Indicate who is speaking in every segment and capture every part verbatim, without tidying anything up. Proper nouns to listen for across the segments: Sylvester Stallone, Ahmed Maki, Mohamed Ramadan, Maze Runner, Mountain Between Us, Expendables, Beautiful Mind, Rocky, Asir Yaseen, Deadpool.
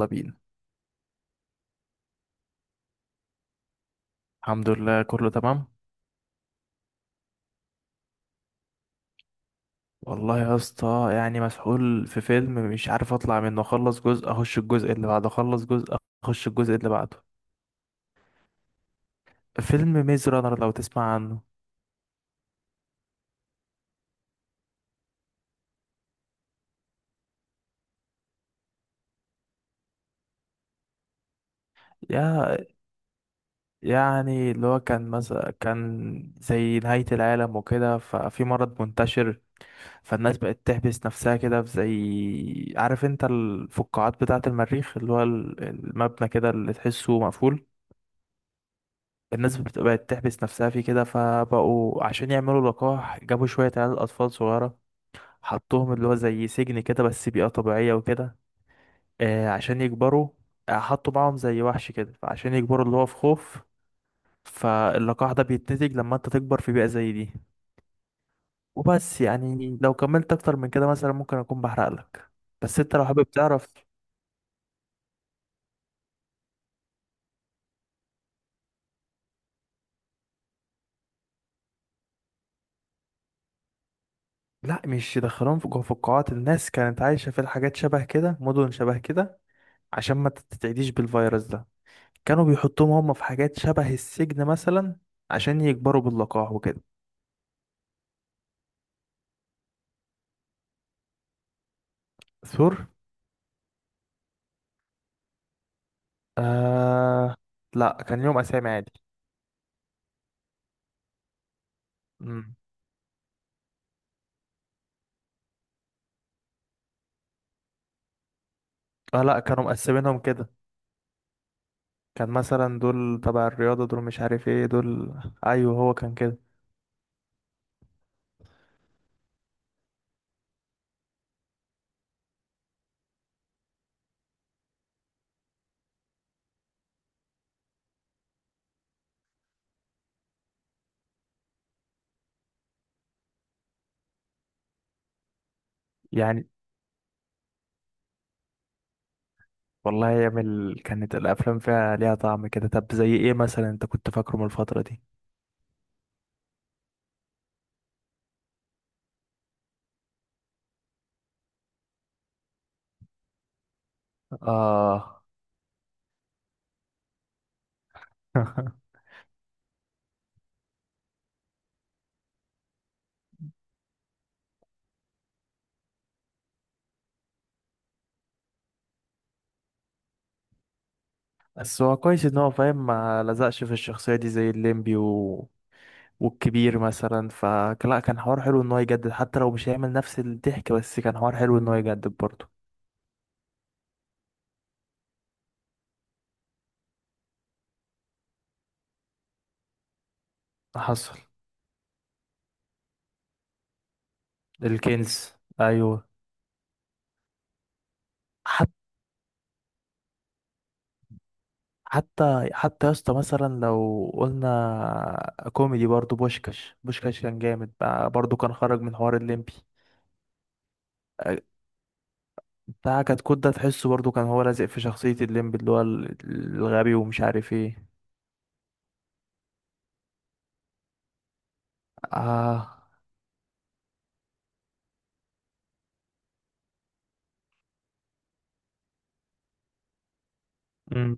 Speaker 1: يلا بينا. الحمد لله، كله تمام. والله يا اسطى، يعني مسحول في فيلم مش عارف اطلع منه، اخلص جزء اخش الجزء اللي بعده، اخلص جزء اخش الجزء اللي بعده. فيلم ميز رانر، لو تسمع عنه. يا يعني اللي هو كان مثلا كان زي نهاية العالم وكده، ففي مرض منتشر. فالناس بقت تحبس نفسها كده في، زي عارف انت الفقاعات بتاعة المريخ، اللي هو ال- المبنى كده اللي تحسه مقفول. الناس بت- بقت تحبس نفسها فيه كده، فبقوا عشان يعملوا لقاح جابوا شوية عيال أطفال صغيرة. حطوهم اللي هو زي سجن كده، بس بيئة طبيعية وكده. آه عشان يكبروا. آه، حطوا معاهم زي وحش كده، فعشان يكبروا اللي هو في خوف. فاللقاح ده بيتنتج لما انت تكبر في بيئة زي دي. وبس، يعني لو كملت أكتر من كده مثلا ممكن أكون بحرق لك. بس انت لو حابب تعرف. لا، مش يدخلوهم في جوه في القاعات، الناس كانت عايشة في الحاجات شبه كده، مدن شبه كده، عشان ما تتعديش بالفيروس ده. كانوا بيحطوهم هم في حاجات شبه السجن مثلا، عشان يكبروا باللقاح وكده. ثور. آه. لا، كان ليهم اسامي عادي. مم. اه، لا كانوا مقسمينهم كده. كان مثلا دول تبع الرياضة، دول مش عارف ايه دول. ايوه، هو كان كده. يعني والله يا مل، كانت الافلام فيها ليها طعم كده. طب زي ايه مثلا انت كنت فاكره من الفترة دي؟ اه. بس هو كويس ان هو فاهم، ما لزقش في الشخصية دي زي الليمبي و. والكبير مثلا، فلا كان حوار حلو ان هو يجدد حتى لو مش هيعمل نفس الضحك، بس كان حوار حلو ان هو يجدد برضه. حصل. الكنز. ايوه. حتى حتى حتى يا اسطى، مثلا لو قلنا كوميدي، برضه بوشكاش بوشكاش كان جامد بقى، برضه كان خرج من حوار الليمبي. أه، بتاع كتكوت ده تحسه برضه كان هو لازق في شخصية الليمبي، اللي هو ال- الغبي ومش عارف ايه. اه. امم.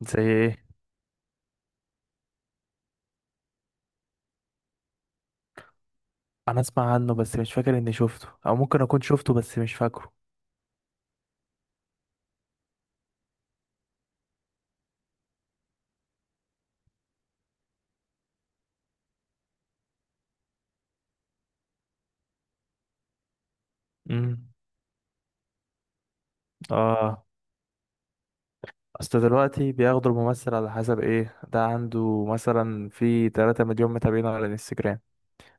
Speaker 1: زي ايه؟ انا اسمع عنه بس مش فاكر اني شفته، او ممكن اكون شفته بس مش فاكره. امم. اه. اصل دلوقتي بياخدوا الممثل على حسب ايه، ده عنده مثلا في 3 مليون متابعين على الانستجرام،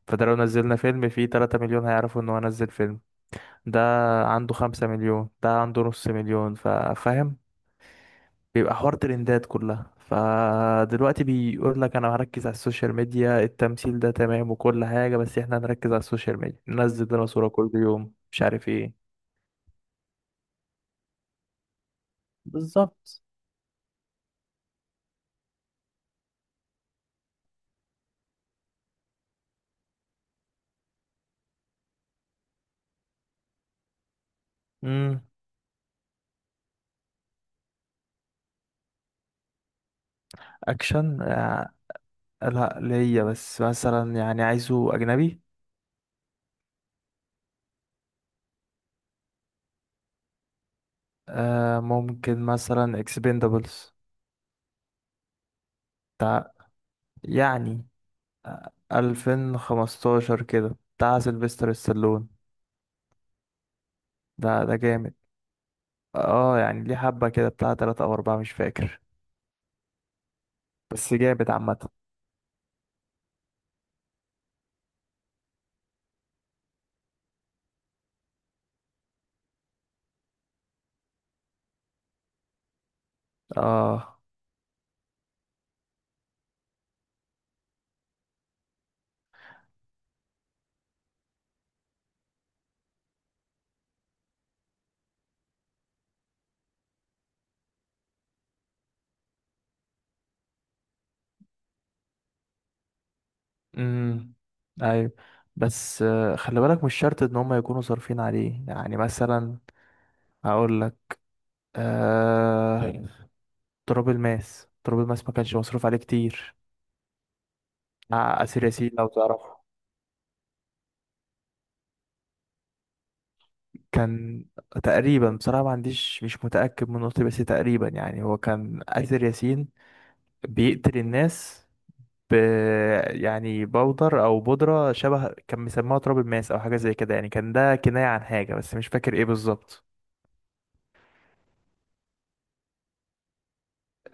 Speaker 1: فده لو نزلنا فيلم فيه 3 مليون هيعرفوا ان هو نزل فيلم. ده عنده 5 مليون، ده عنده نص مليون، فا- فاهم. بيبقى حوار ترندات كلها، فدلوقتي بيقول لك انا هركز على السوشيال ميديا، التمثيل ده تمام وكل حاجة، بس احنا هنركز على السوشيال ميديا، ننزل لنا صورة كل يوم مش عارف ايه. بالظبط. امم. اكشن؟ آه، لا ليا، بس مثلا يعني عايزه اجنبي. آه، ممكن مثلا اكسبندابلز، بتاع، يعني آه، ألفين خمستاشر كده، بتاع سيلفستر ستالون. ده ده جامد. اه، يعني ليه حبة كده، بتاع تلاتة أو أربعة مش فاكر. بس جامد عامة. اه. امم. أيوة. بس آه خلي بالك مش شرط إن هما يكونوا صارفين عليه، يعني مثلا هقول لك. آه. تراب الماس، تراب الماس ما كانش مصروف عليه كتير. مع أسير ياسين لو تعرفه. كان تقريبا، بصراحة ما عنديش، مش متأكد من نقطة، بس تقريبا يعني هو كان أسير ياسين بيقتل الناس، ب يعني بودر أو بودرة شبه، كان مسموها تراب الماس أو حاجة زي كده، يعني كان ده كناية عن حاجة بس مش فاكر إيه بالظبط.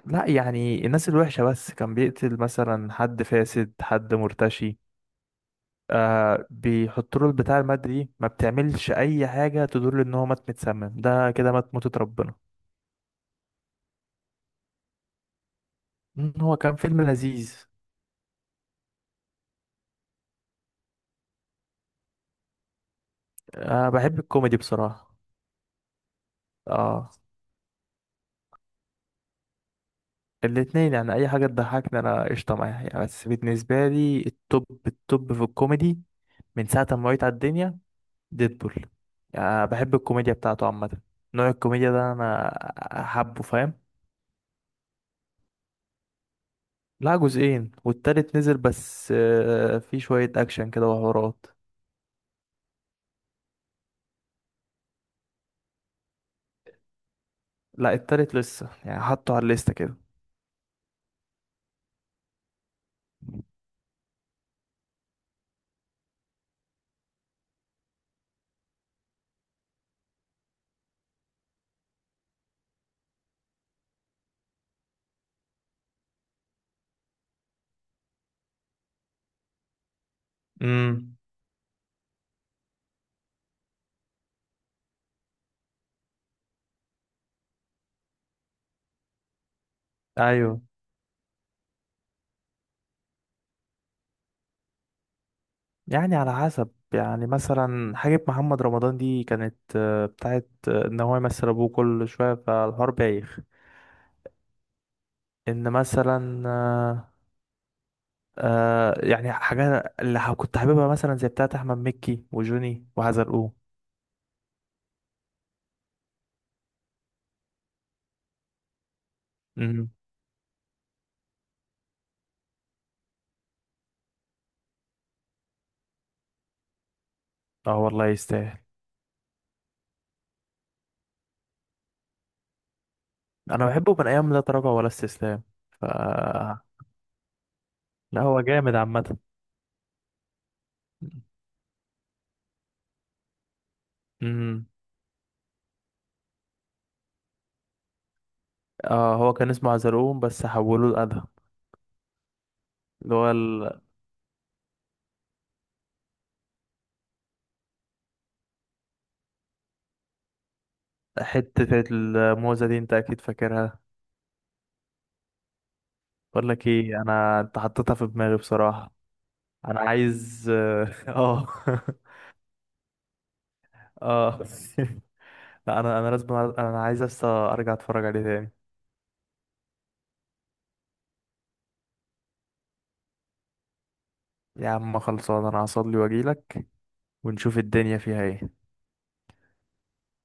Speaker 1: لا، يعني الناس الوحشة بس، كان بيقتل مثلا حد فاسد، حد مرتشي. آه، بيحط له البتاع، المادة دي ما بتعملش أي حاجة تدل إن هو مات متسمم، ده كده مات موتة ربنا. مم، هو كان فيلم لذيذ. أه، بحب الكوميدي بصراحة. اه. الاتنين، يعني أي حاجة تضحكني أنا قشطة معاها يعني. بس بالنسبة لي التوب التوب في الكوميدي من ساعة ما وعيت على الدنيا ديدبول. يعني بحب الكوميديا بتاعته عامة، نوع الكوميديا ده أنا حابه، فاهم؟ لا، جزئين والتالت نزل بس، آه، في شوية أكشن كده وحوارات. لا، التالت لسه، يعني حطه على الليستة كده. امم. ايوه. يعني على حسب، يعني مثلا حاجة محمد رمضان دي كانت آه، بتاعت آه، ان هو يمثل ابوه كل شوية، فالحوار بايخ. ان مثلا آه. آه، يعني حاجات اللي ح- كنت حاببها مثلا زي بتاعت احمد مكي وجوني وحزلقوه. امم. اه والله يستاهل. انا بحبه من ايام لا تراجع ولا استسلام. ف لا، هو جامد عامة. امم. اه، هو كان اسمه عزلقوم بس حولوه لأدهم. اللي هو ال- حتة الموزة دي انت اكيد فاكرها. بقول لك ايه، انا انت حطيتها في دماغي بصراحة. انا عايز اه. اه، لا انا انا لازم، انا عايز لسه ارجع اتفرج عليه تاني. يا عم خلصان، انا هصلي واجيلك، ونشوف الدنيا فيها ايه.